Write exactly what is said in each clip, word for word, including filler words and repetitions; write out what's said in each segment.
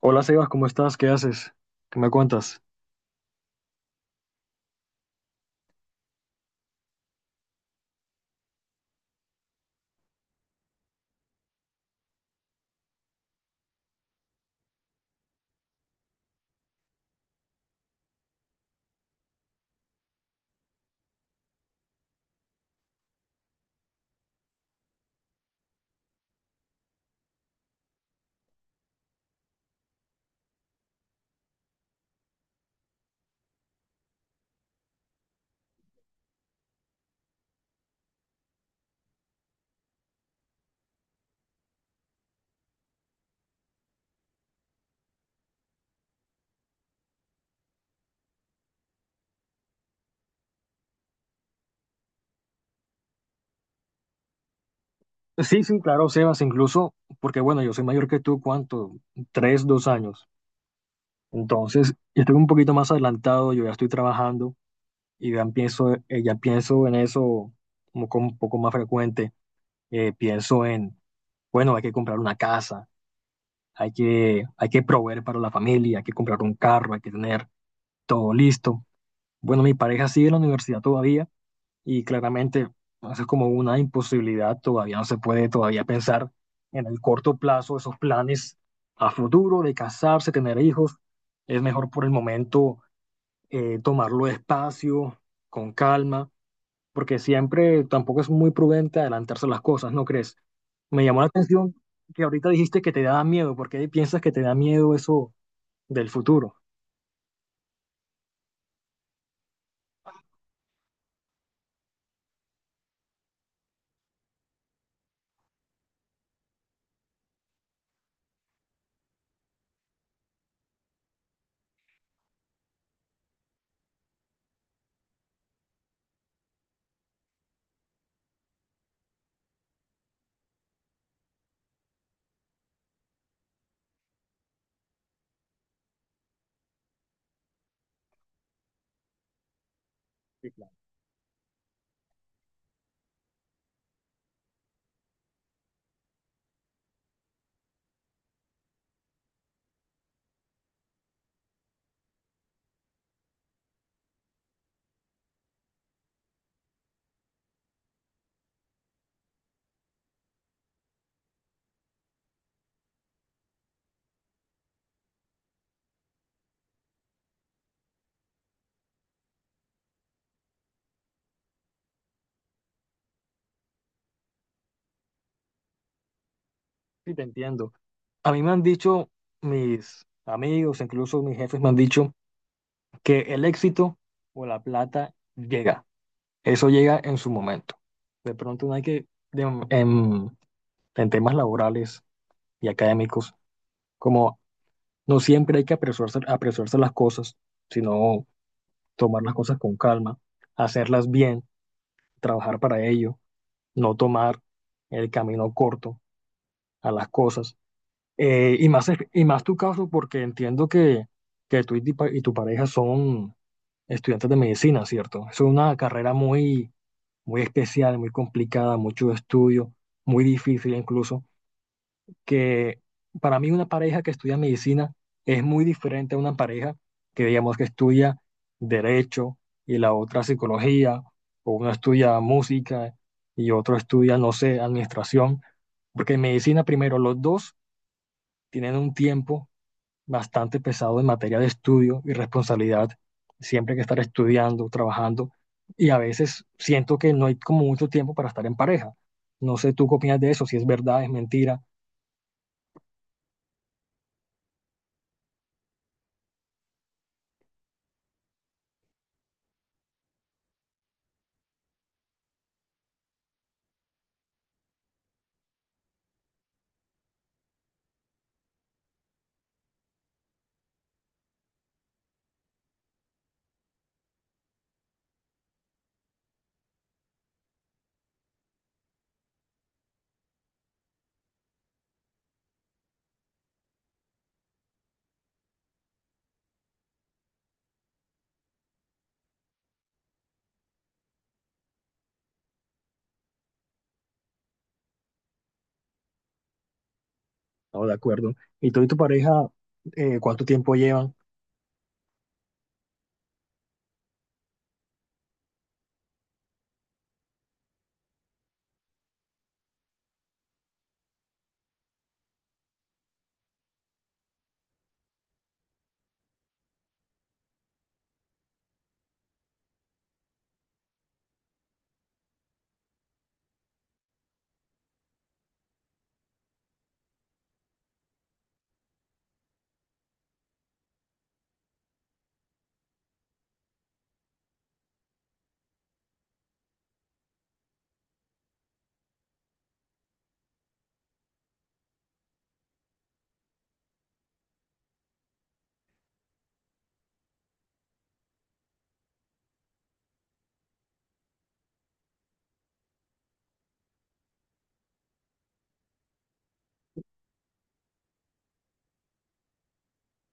Hola Sebas, ¿cómo estás? ¿Qué haces? ¿Qué me cuentas? Sí, sí, claro, Sebas, incluso, porque bueno, yo soy mayor que tú, ¿cuánto? Tres, dos años. Entonces, yo estoy un poquito más adelantado, yo ya estoy trabajando y ya pienso, eh, ya pienso en eso como con un poco más frecuente. Eh, pienso en, bueno, hay que comprar una casa, hay que, hay que proveer para la familia, hay que comprar un carro, hay que tener todo listo. Bueno, mi pareja sigue en la universidad todavía y claramente eso es como una imposibilidad, todavía no se puede todavía pensar en el corto plazo esos planes a futuro de casarse, tener hijos. Es mejor por el momento eh, tomarlo despacio, con calma, porque siempre tampoco es muy prudente adelantarse las cosas, ¿no crees? Me llamó la atención que ahorita dijiste que te da miedo. ¿Por qué piensas que te da miedo eso del futuro? Sí, claro. Sí, te entiendo. A mí me han dicho mis amigos, incluso mis jefes me han dicho que el éxito o la plata llega. Eso llega en su momento. De pronto no hay que, de- en, en temas laborales y académicos, como no siempre hay que apresurarse, apresurarse las cosas, sino tomar las cosas con calma, hacerlas bien, trabajar para ello, no tomar el camino corto a las cosas. Eh, y más, y más tu caso, porque entiendo que, que tú y tu, pa- y tu pareja son estudiantes de medicina, ¿cierto? Es una carrera muy muy especial, muy complicada, mucho estudio, muy difícil incluso, que para mí una pareja que estudia medicina es muy diferente a una pareja que digamos que estudia derecho y la otra psicología, o uno estudia música y otro estudia, no sé, administración, porque en medicina primero los dos tienen un tiempo bastante pesado en materia de estudio y responsabilidad. Siempre hay que estar estudiando, trabajando y a veces siento que no hay como mucho tiempo para estar en pareja. No sé tú qué opinas de eso, si es verdad, es mentira. No, de acuerdo. ¿Y tú y tu pareja eh, cuánto tiempo llevan?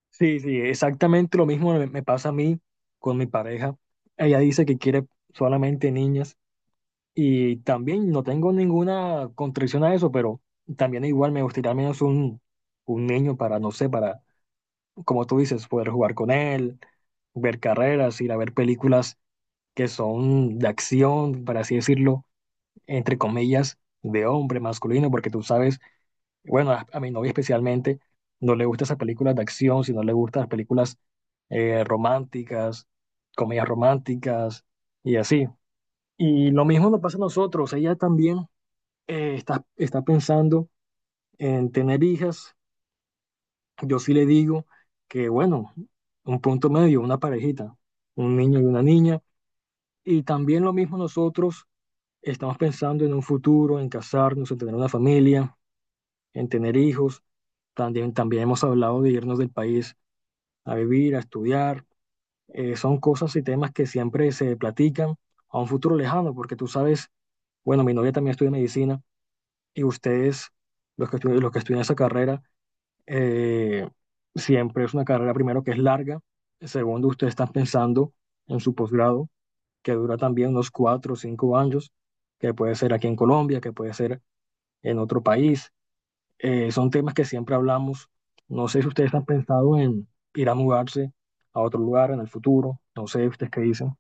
Sí, sí, exactamente lo mismo me me pasa a mí con mi pareja. Ella dice que quiere solamente niñas y también no tengo ninguna contradicción a eso, pero también igual me gustaría al menos un, un niño para, no sé, para como tú dices, poder jugar con él, ver carreras, ir a ver películas que son de acción, para así decirlo, entre comillas, de hombre masculino, porque tú sabes, bueno, a, a mi novia especialmente no le gustan esas películas de acción, sino le gustan las películas eh, románticas, comedias románticas y así. Y lo mismo nos pasa a nosotros, ella también eh, está, está pensando en tener hijas. Yo sí le digo que, bueno, un punto medio, una parejita, un niño y una niña. Y también lo mismo nosotros estamos pensando en un futuro, en casarnos, en tener una familia, en tener hijos. También, también hemos hablado de irnos del país a vivir, a estudiar. Eh, son cosas y temas que siempre se platican a un futuro lejano, porque tú sabes, bueno, mi novia también estudia medicina y ustedes, los que estudian, los que estudian esa carrera, eh, siempre es una carrera, primero, que es larga. Segundo, ustedes están pensando en su posgrado, que dura también unos cuatro o cinco años, que puede ser aquí en Colombia, que puede ser en otro país. Eh, son temas que siempre hablamos. No sé si ustedes han pensado en ir a mudarse a otro lugar en el futuro. No sé ustedes qué dicen.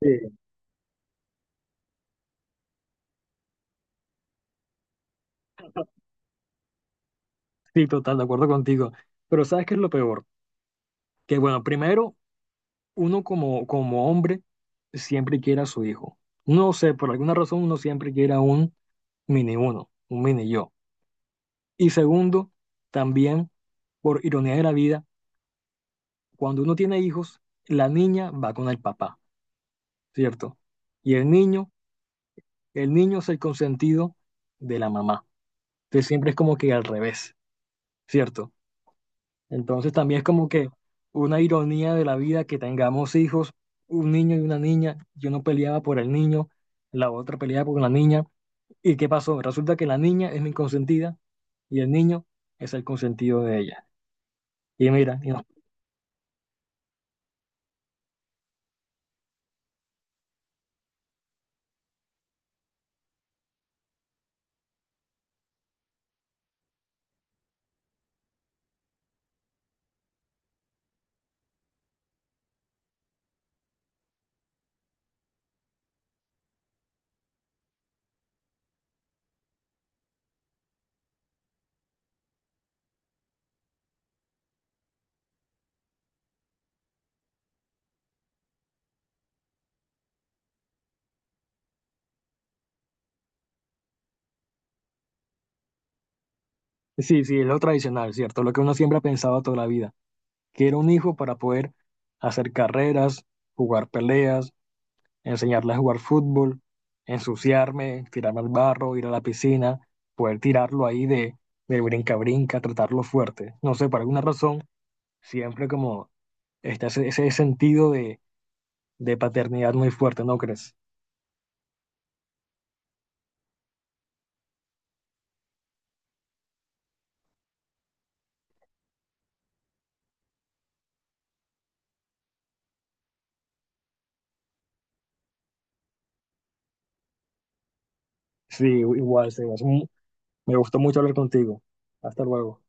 Sí, Sí, total, de acuerdo contigo. Pero ¿sabes qué es lo peor? Que bueno, primero, uno como, como hombre siempre quiere a su hijo. No sé, por alguna razón uno siempre quiere a un mini uno, un mini yo. Y segundo, también, por ironía de la vida, cuando uno tiene hijos, la niña va con el papá, ¿cierto? Y el niño, el niño es el consentido de la mamá. Entonces siempre es como que al revés, ¿cierto? Entonces también es como que una ironía de la vida que tengamos hijos, un niño y una niña. Yo no peleaba por el niño, la otra peleaba por la niña. ¿Y qué pasó? Resulta que la niña es mi consentida y el niño es el consentido de ella. Y mira, y no- sí, sí, es lo tradicional, ¿cierto? Lo que uno siempre ha pensado toda la vida, que era un hijo para poder hacer carreras, jugar peleas, enseñarle a jugar fútbol, ensuciarme, tirarme al barro, ir a la piscina, poder tirarlo ahí de, de brinca-brinca, tratarlo fuerte. No sé, por alguna razón, siempre como está ese, ese sentido de, de paternidad muy fuerte, ¿no crees? Sí, igual, Sebas. Mm, Me gustó mucho hablar contigo. Hasta luego.